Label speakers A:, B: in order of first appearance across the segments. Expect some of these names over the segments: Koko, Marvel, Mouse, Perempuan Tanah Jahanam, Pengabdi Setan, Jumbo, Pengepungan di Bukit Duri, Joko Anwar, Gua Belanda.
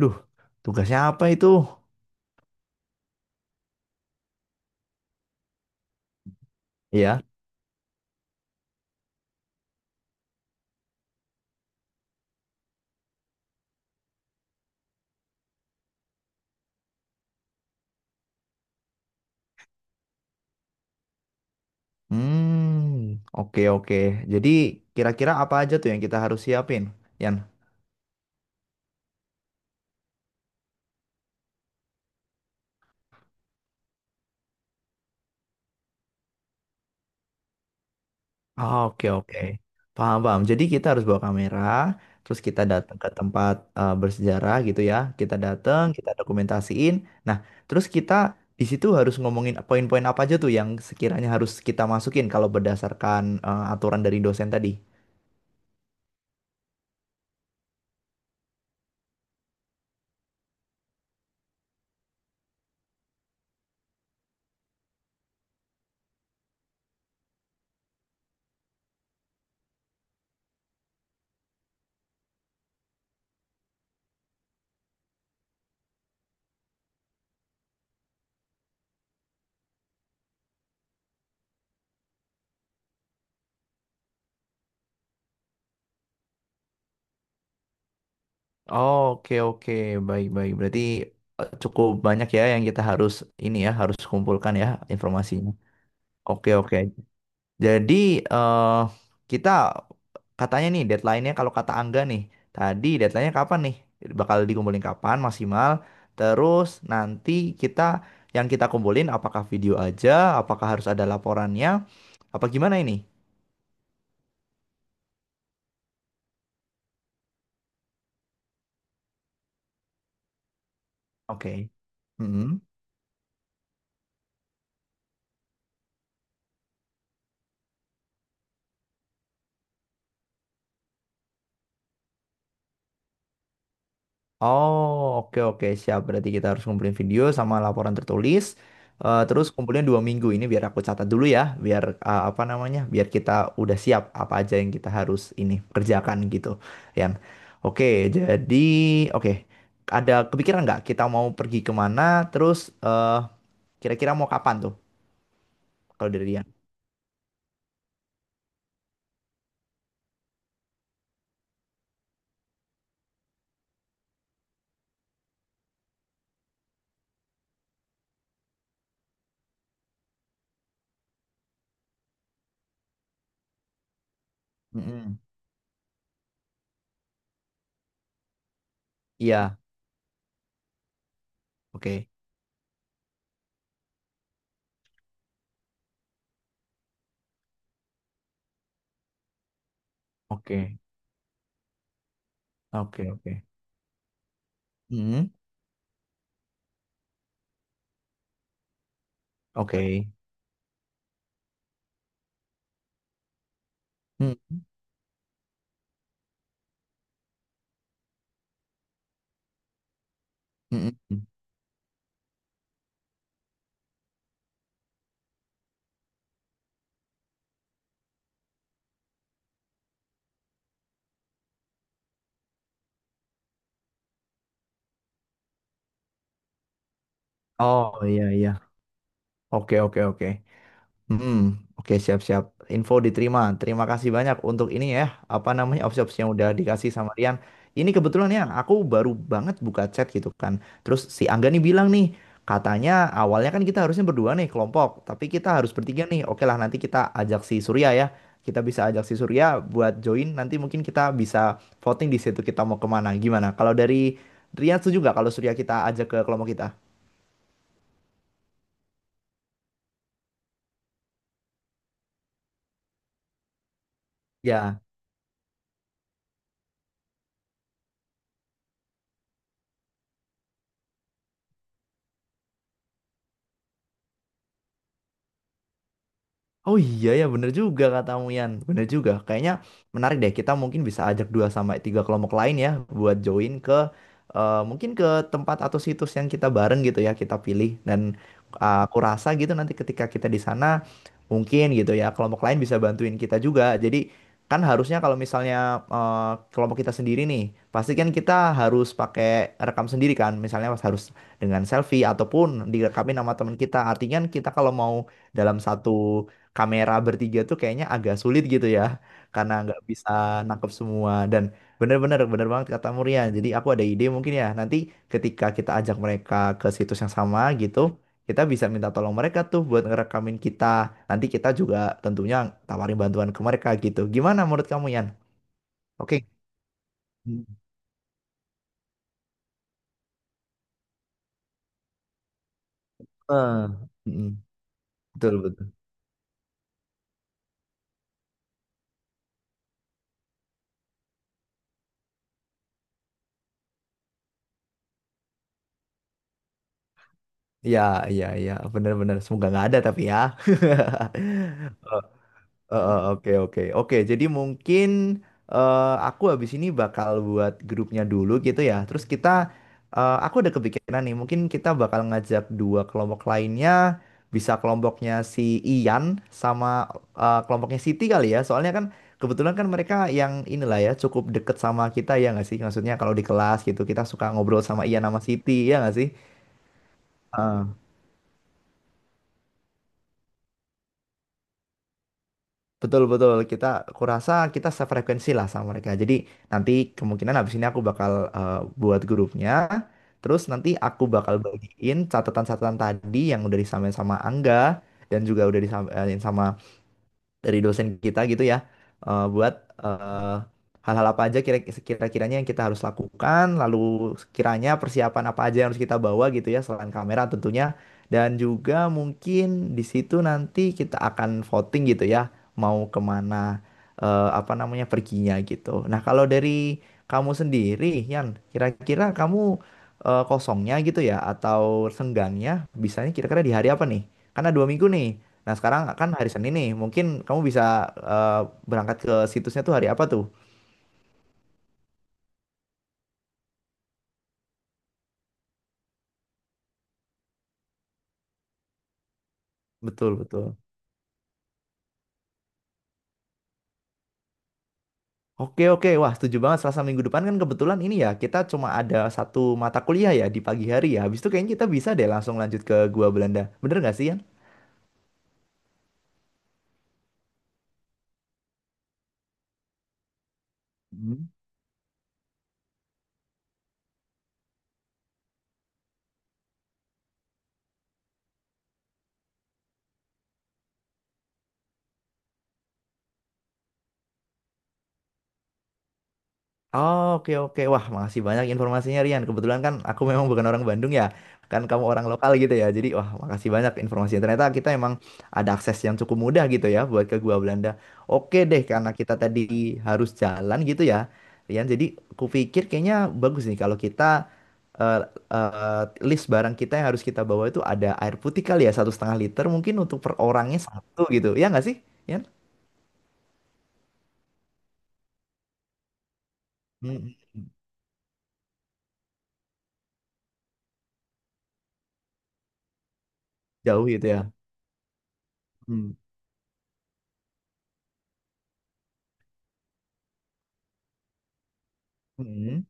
A: Duh, tugasnya apa itu? Iya. Hmm, oke oke. Jadi kira-kira apa aja tuh yang kita harus siapin, Yan? Ah, oke oke. Paham paham. Jadi kita harus bawa kamera, terus kita datang ke tempat bersejarah gitu ya. Kita datang, kita dokumentasiin. Nah, terus kita di situ harus ngomongin poin-poin apa aja tuh yang sekiranya harus kita masukin kalau berdasarkan aturan dari dosen tadi. Oh, oke, oke, baik, baik. Berarti cukup banyak ya yang kita harus ini ya, harus kumpulkan ya informasinya. Oke, oke. Jadi eh kita katanya nih deadline-nya kalau kata Angga nih, tadi deadline-nya kapan nih? Bakal dikumpulin kapan maksimal? Terus nanti kita yang kita kumpulin apakah video aja, apakah harus ada laporannya, apa gimana ini? Oke. Mm-mm. Oh, oke oke siap. Berarti kita harus ngumpulin video sama laporan tertulis. Terus kumpulin dua minggu ini biar aku catat dulu ya, biar apa namanya, biar kita udah siap apa aja yang kita harus ini kerjakan gitu. Yan, oke. Jadi oke, ada kepikiran nggak kita mau pergi kemana? Terus eh, kira-kira mau kapan tuh kalau dari Yan? Mm-mm. Iya, oke, oke, oke, oke. Mm-mm. Oke. Mm-mm. Mm-mm. Oh, iya, iya, oke, oke, oke. Hmm, oke siap-siap. Info diterima. Terima kasih banyak untuk ini ya. Apa namanya opsi-opsi yang udah dikasih sama Rian. Ini kebetulan ya, aku baru banget buka chat gitu kan. Terus si Angga nih bilang nih, katanya awalnya kan kita harusnya berdua nih kelompok, tapi kita harus bertiga nih. Oke lah, nanti kita ajak si Surya ya. Kita bisa ajak si Surya buat join. Nanti mungkin kita bisa voting di situ kita mau kemana. Gimana? Kalau dari Rian setuju nggak kalau Surya kita ajak ke kelompok kita? Ya. Oh, iya ya, bener juga katamu, Yan. Bener juga. Kayaknya menarik deh. Kita mungkin bisa ajak dua sampai tiga kelompok lain ya, buat join ke mungkin ke tempat atau situs yang kita bareng gitu ya, kita pilih. Dan aku rasa gitu nanti ketika kita di sana, mungkin gitu ya, kelompok lain bisa bantuin kita juga. Jadi kan harusnya kalau misalnya kelompok kita sendiri nih, pasti kan kita harus pakai rekam sendiri kan, misalnya harus dengan selfie, ataupun direkamin sama teman kita. Artinya kan kita kalau mau dalam satu kamera bertiga tuh kayaknya agak sulit gitu ya, karena nggak bisa nangkep semua. Dan bener-bener, bener banget kata Murian, jadi aku ada ide mungkin ya, nanti ketika kita ajak mereka ke situs yang sama gitu, kita bisa minta tolong mereka tuh buat ngerekamin kita, nanti kita juga tentunya tawarin bantuan ke mereka gitu. Gimana menurut kamu, Yan? Oke. Hmm. Eh, mm betul betul, ya, ya, ya, bener-bener, semoga nggak ada tapi ya. Oke, oke, oke. Jadi mungkin aku habis ini bakal buat grupnya dulu gitu ya. Terus, aku ada kepikiran nih. Mungkin kita bakal ngajak dua kelompok lainnya. Bisa kelompoknya si Ian sama kelompoknya Siti kali ya. Soalnya kan kebetulan kan mereka yang inilah ya cukup deket sama kita ya nggak sih? Maksudnya kalau di kelas gitu kita suka ngobrol sama Ian sama Siti ya nggak sih? Betul betul, kita kurasa kita sefrekuensi lah sama mereka. Jadi nanti kemungkinan habis ini aku bakal eh, buat grupnya. Terus nanti aku bakal bagiin catatan-catatan tadi yang udah disamain sama Angga dan juga udah disamain sama dari dosen kita gitu ya, buat eh, hal-hal apa aja kira-kiranya yang kita harus lakukan, lalu kiranya persiapan apa aja yang harus kita bawa gitu ya, selain kamera tentunya. Dan juga mungkin di situ nanti kita akan voting gitu ya mau kemana, apa namanya, perginya gitu. Nah, kalau dari kamu sendiri Yan, kira-kira kamu kosongnya gitu ya, atau senggangnya bisanya kira-kira di hari apa nih? Karena dua minggu nih. Nah, sekarang kan hari Senin nih. Mungkin kamu bisa eh, berangkat ke situsnya tuh hari apa tuh? Betul, betul. Oke, oke. Wah, setuju banget. Selasa minggu depan kan kebetulan ini ya, kita cuma ada satu mata kuliah ya di pagi hari ya. Habis itu kayaknya kita bisa deh langsung lanjut ke Gua Belanda. Bener nggak sih, Yan? Oh, oke oke, wah makasih banyak informasinya, Rian. Kebetulan kan aku memang bukan orang Bandung ya, kan kamu orang lokal gitu ya. Jadi wah, makasih banyak informasinya. Ternyata kita emang ada akses yang cukup mudah gitu ya buat ke Gua Belanda. Oke deh, karena kita tadi harus jalan gitu ya, Rian. Jadi kupikir kayaknya bagus nih kalau kita eh, eh, list barang kita yang harus kita bawa itu ada air putih, kali ya satu setengah liter mungkin untuk per orangnya satu gitu. Ya nggak sih, Rian? Hmm. Jauh gitu ya. Hmm. Hmm.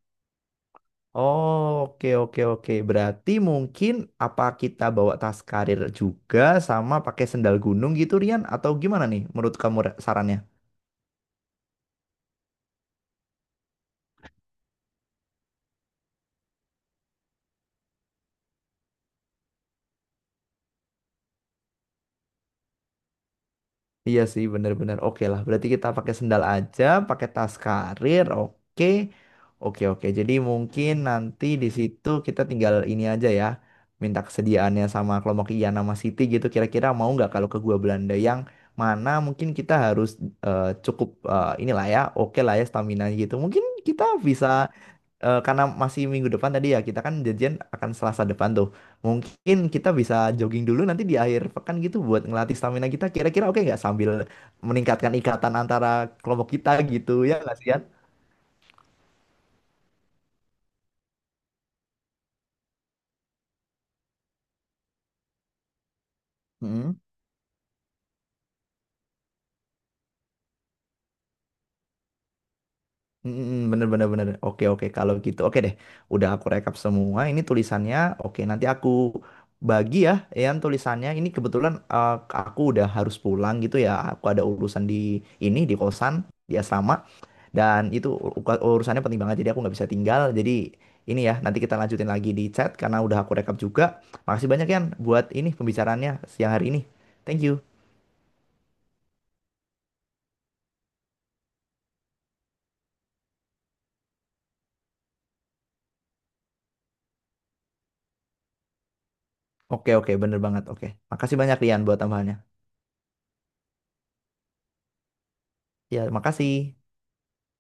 A: Oke, oke, oke. Berarti mungkin apa kita bawa tas karir juga, sama pakai sendal gunung gitu, Rian? Atau gimana nih menurut kamu, sarannya? Iya sih, bener-bener. Oke lah, berarti kita pakai sendal aja, pakai tas karir. Oke, oke, oke. Jadi mungkin nanti di situ kita tinggal ini aja ya, minta kesediaannya sama kelompok Ian sama Siti gitu. Kira-kira mau nggak kalau ke Gua Belanda, yang mana mungkin kita harus cukup inilah ya, oke lah ya stamina gitu. Mungkin kita bisa karena masih minggu depan tadi ya, kita kan janjian akan Selasa depan tuh. Mungkin kita bisa jogging dulu nanti di akhir pekan gitu buat ngelatih stamina kita. Kira-kira oke nggak, sambil meningkatkan ikatan antara kelompok kita gitu, ya nggak sih Yan? Mm-mm. Mm-mm. Bener bener bener. Oke, oke, kalau gitu oke deh. Udah aku rekap semua. Ini tulisannya. Oke, nanti aku bagi ya Yan tulisannya. Ini kebetulan aku udah harus pulang gitu ya. Aku ada urusan di ini, di kosan, di asrama. Dan itu urusannya penting banget, jadi aku nggak bisa tinggal. Jadi ini ya, nanti kita lanjutin lagi di chat karena udah aku rekap juga. Makasih banyak Yan buat ini pembicaraannya siang hari ini. Thank you. Oke, oke, bener banget. Oke, makasih banyak Rian buat tambahannya. Ya, makasih.